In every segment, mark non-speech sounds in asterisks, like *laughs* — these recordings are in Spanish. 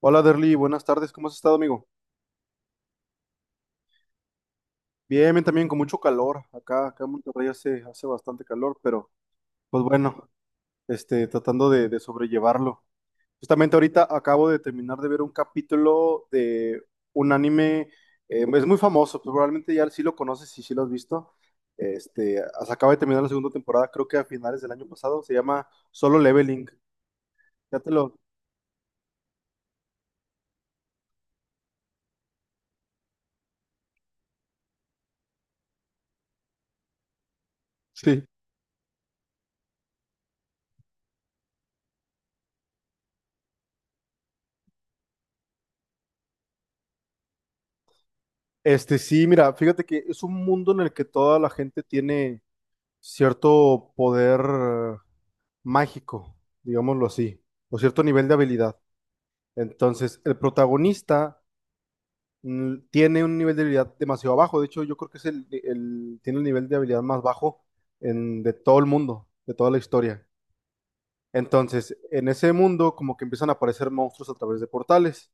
Hola Derly, buenas tardes, ¿cómo has estado, amigo? Bien, bien, también con mucho calor. Acá en Monterrey hace bastante calor, pero pues bueno, tratando de sobrellevarlo. Justamente ahorita acabo de terminar de ver un capítulo de un anime, es muy famoso, pues probablemente ya sí lo conoces y sí lo has visto. Acaba de terminar la segunda temporada, creo que a finales del año pasado, se llama Solo Leveling. Ya te lo... Sí. Sí, mira, fíjate que es un mundo en el que toda la gente tiene cierto poder mágico, digámoslo así, o cierto nivel de habilidad. Entonces, el protagonista tiene un nivel de habilidad demasiado bajo. De hecho, yo creo que es tiene el nivel de habilidad más bajo de todo el mundo, de toda la historia. Entonces, en ese mundo, como que empiezan a aparecer monstruos a través de portales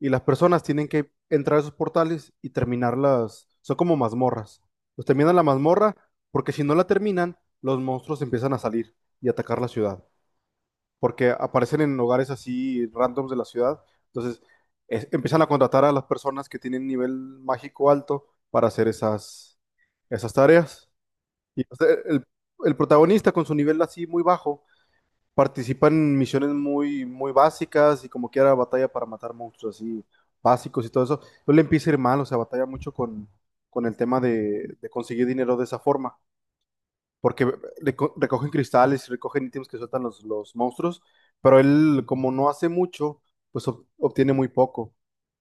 y las personas tienen que entrar a esos portales y terminarlas. Son como mazmorras. Los terminan la mazmorra porque si no la terminan, los monstruos empiezan a salir y atacar la ciudad. Porque aparecen en hogares así randoms de la ciudad. Entonces empiezan a contratar a las personas que tienen nivel mágico alto para hacer esas tareas. Y o sea, el protagonista con su nivel así muy bajo participan en misiones muy, muy básicas y como quiera batalla para matar monstruos así básicos y todo eso. Entonces le empieza a ir mal, o sea, batalla mucho con el tema de conseguir dinero de esa forma, porque recogen cristales y recogen ítems que sueltan los monstruos, pero él como no hace mucho, pues obtiene muy poco.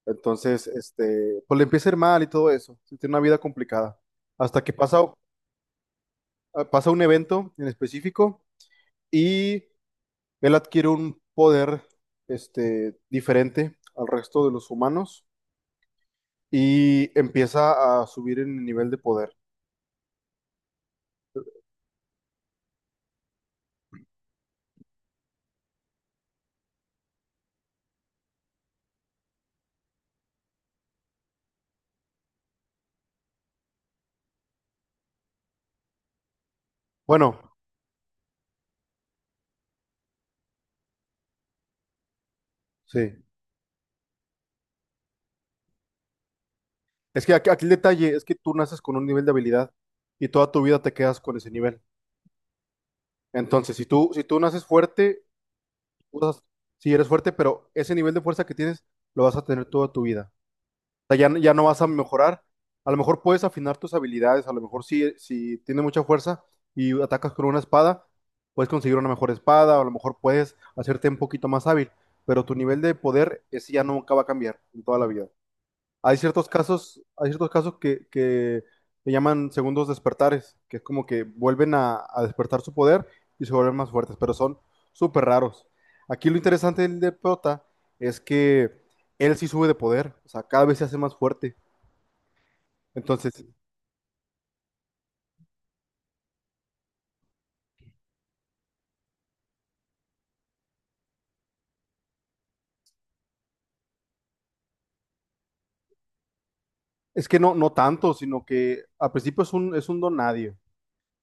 Entonces, pues le empieza a ir mal y todo eso. Sí, tiene una vida complicada. Hasta que pasa, Pasa un evento en específico y él adquiere un poder diferente al resto de los humanos y empieza a subir en el nivel de poder. Bueno, sí. Es que aquí el detalle es que tú naces con un nivel de habilidad y toda tu vida te quedas con ese nivel. Entonces, si tú naces fuerte, usas, sí eres fuerte, pero ese nivel de fuerza que tienes lo vas a tener toda tu vida. Sea, ya, ya no vas a mejorar. A lo mejor puedes afinar tus habilidades, a lo mejor si tienes mucha fuerza y atacas con una espada, puedes conseguir una mejor espada, o a lo mejor puedes hacerte un poquito más hábil, pero tu nivel de poder, ese ya nunca va a cambiar en toda la vida. Hay ciertos que se llaman segundos despertares, que es como que vuelven a despertar su poder y se vuelven más fuertes, pero son súper raros. Aquí lo interesante del de Prota es que él sí sube de poder, o sea, cada vez se hace más fuerte. Entonces, es que no, no tanto, sino que al principio es es un don nadie.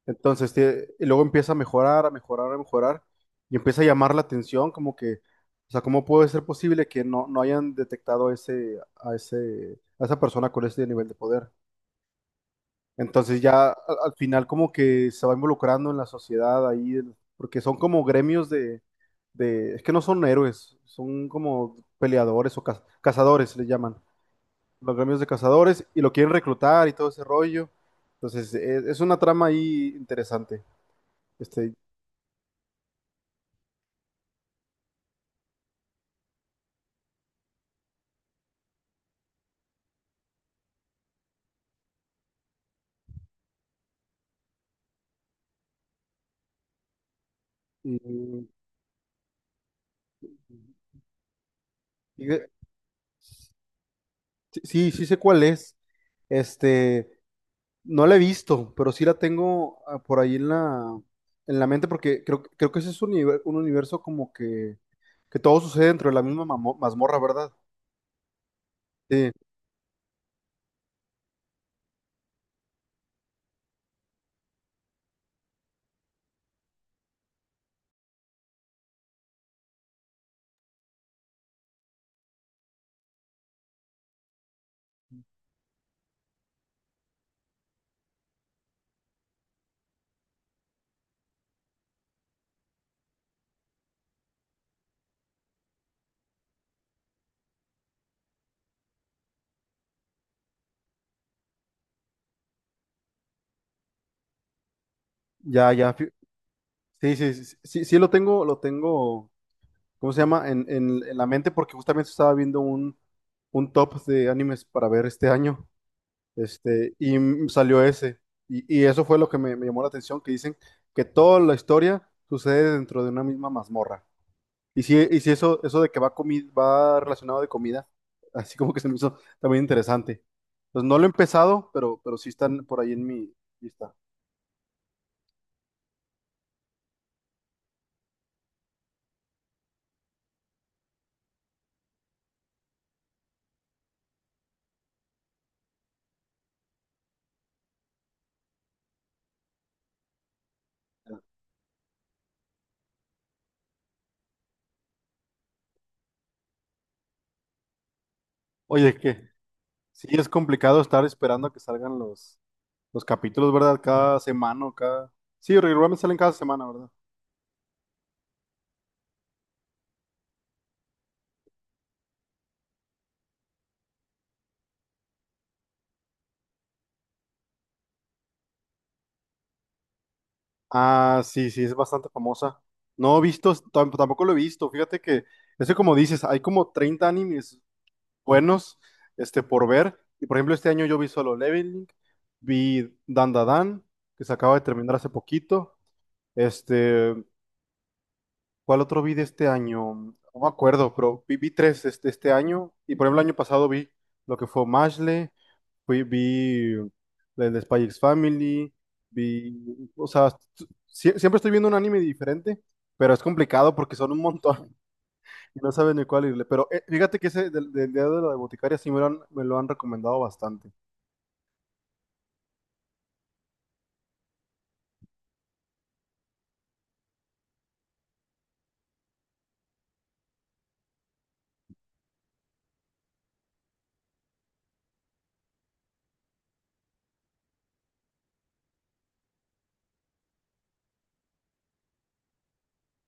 Entonces, y luego empieza a mejorar, a mejorar, a mejorar, y empieza a llamar la atención, como que, o sea, ¿cómo puede ser posible que no, no hayan detectado a a esa persona con ese nivel de poder? Entonces ya al final como que se va involucrando en la sociedad ahí, porque son como gremios es que no son héroes, son como peleadores o cazadores, le llaman, los gremios de cazadores, y lo quieren reclutar y todo ese rollo. Entonces, es una trama ahí interesante. Este, Y- y sí, sí sé cuál es. Este, no la he visto, pero sí la tengo por ahí en en la mente porque creo que ese es un universo como que todo sucede dentro de la misma mazmorra, ¿verdad? Sí, ya, ya. fi- Sí, sí, sí, sí, sí lo tengo, ¿cómo se llama? En la mente porque justamente estaba viendo un top de animes para ver este año. Salió ese. Y eso fue lo que me llamó la atención, que dicen que toda la historia sucede dentro de una misma mazmorra. Y si eso, eso de que va, va relacionado de comida, *laughs* así como que se me hizo también interesante. Pues no lo he empezado, pero sí están por ahí en mi lista. Oye, que sí es complicado estar esperando a que salgan los capítulos, ¿verdad? Cada semana o cada... Sí, regularmente salen cada semana, ¿verdad? Ah, sí, sí, es bastante famosa. No he visto, tampoco lo he visto. Ese como dices, hay como 30 animes buenos, por ver. Y por ejemplo, este año yo vi Solo Leveling, vi Dandadan, que se acaba de terminar hace poquito. Este, ¿Cuál otro vi de este año? No me acuerdo, vi tres este año. Y por ejemplo, el año pasado vi lo que fue Mashle, fui, vi el de Spy X Family, vi. O sea, siempre estoy viendo un anime diferente, pero es complicado porque son un montón *laughs* y no saben ni cuál irle. Pero fíjate que ese del día de la Boticaria sí me lo me lo han recomendado bastante.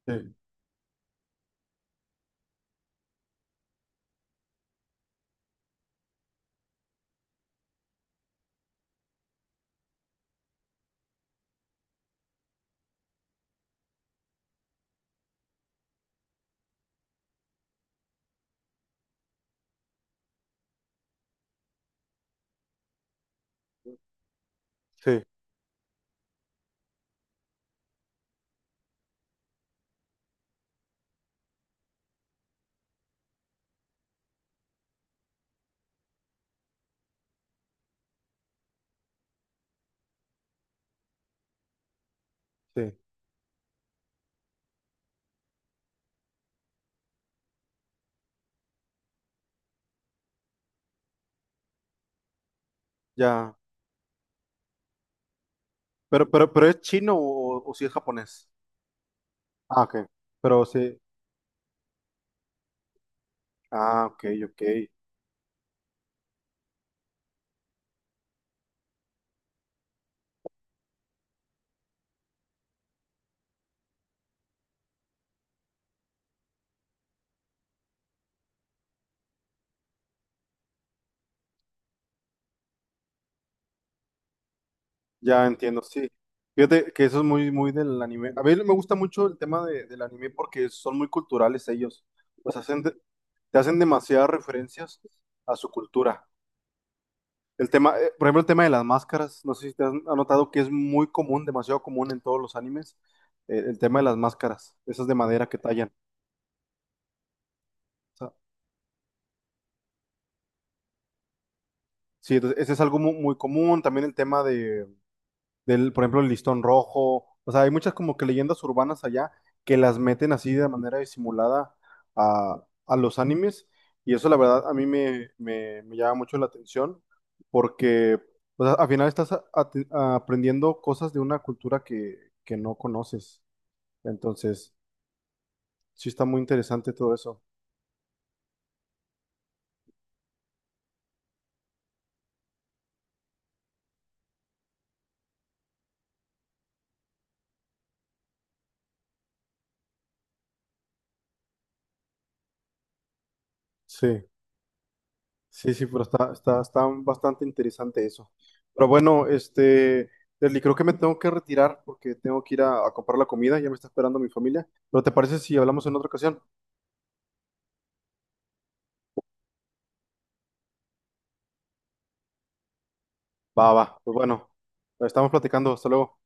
Sí, sí, sí, ya. Pero ¿es chino o si es japonés? Ah, ok. Pero sí. Ah, ok, ok. Ya entiendo, sí. Fíjate que eso es muy, muy del anime. A mí me gusta mucho el del anime porque son muy culturales ellos. Pues te hacen demasiadas referencias a su cultura. Por ejemplo, el tema de las máscaras, no sé si te has notado que es muy común, demasiado común en todos los animes, el tema de las máscaras, esas de madera que tallan. O sea, sí, entonces, ese es algo muy común. También el tema de por ejemplo, el listón rojo. O sea, hay muchas como que leyendas urbanas allá que las meten así de manera disimulada a los animes. Y eso, la verdad, a mí me llama mucho la atención porque o sea, al final aprendiendo cosas de una cultura que no conoces. Entonces, sí está muy interesante todo eso. Sí. Sí, sí, pero está bastante interesante eso. Pero bueno, Leslie, creo que me tengo que retirar porque tengo que ir a comprar la comida, ya me está esperando mi familia. ¿Pero te parece si hablamos en otra ocasión? Va, va, pues bueno, estamos platicando, hasta luego.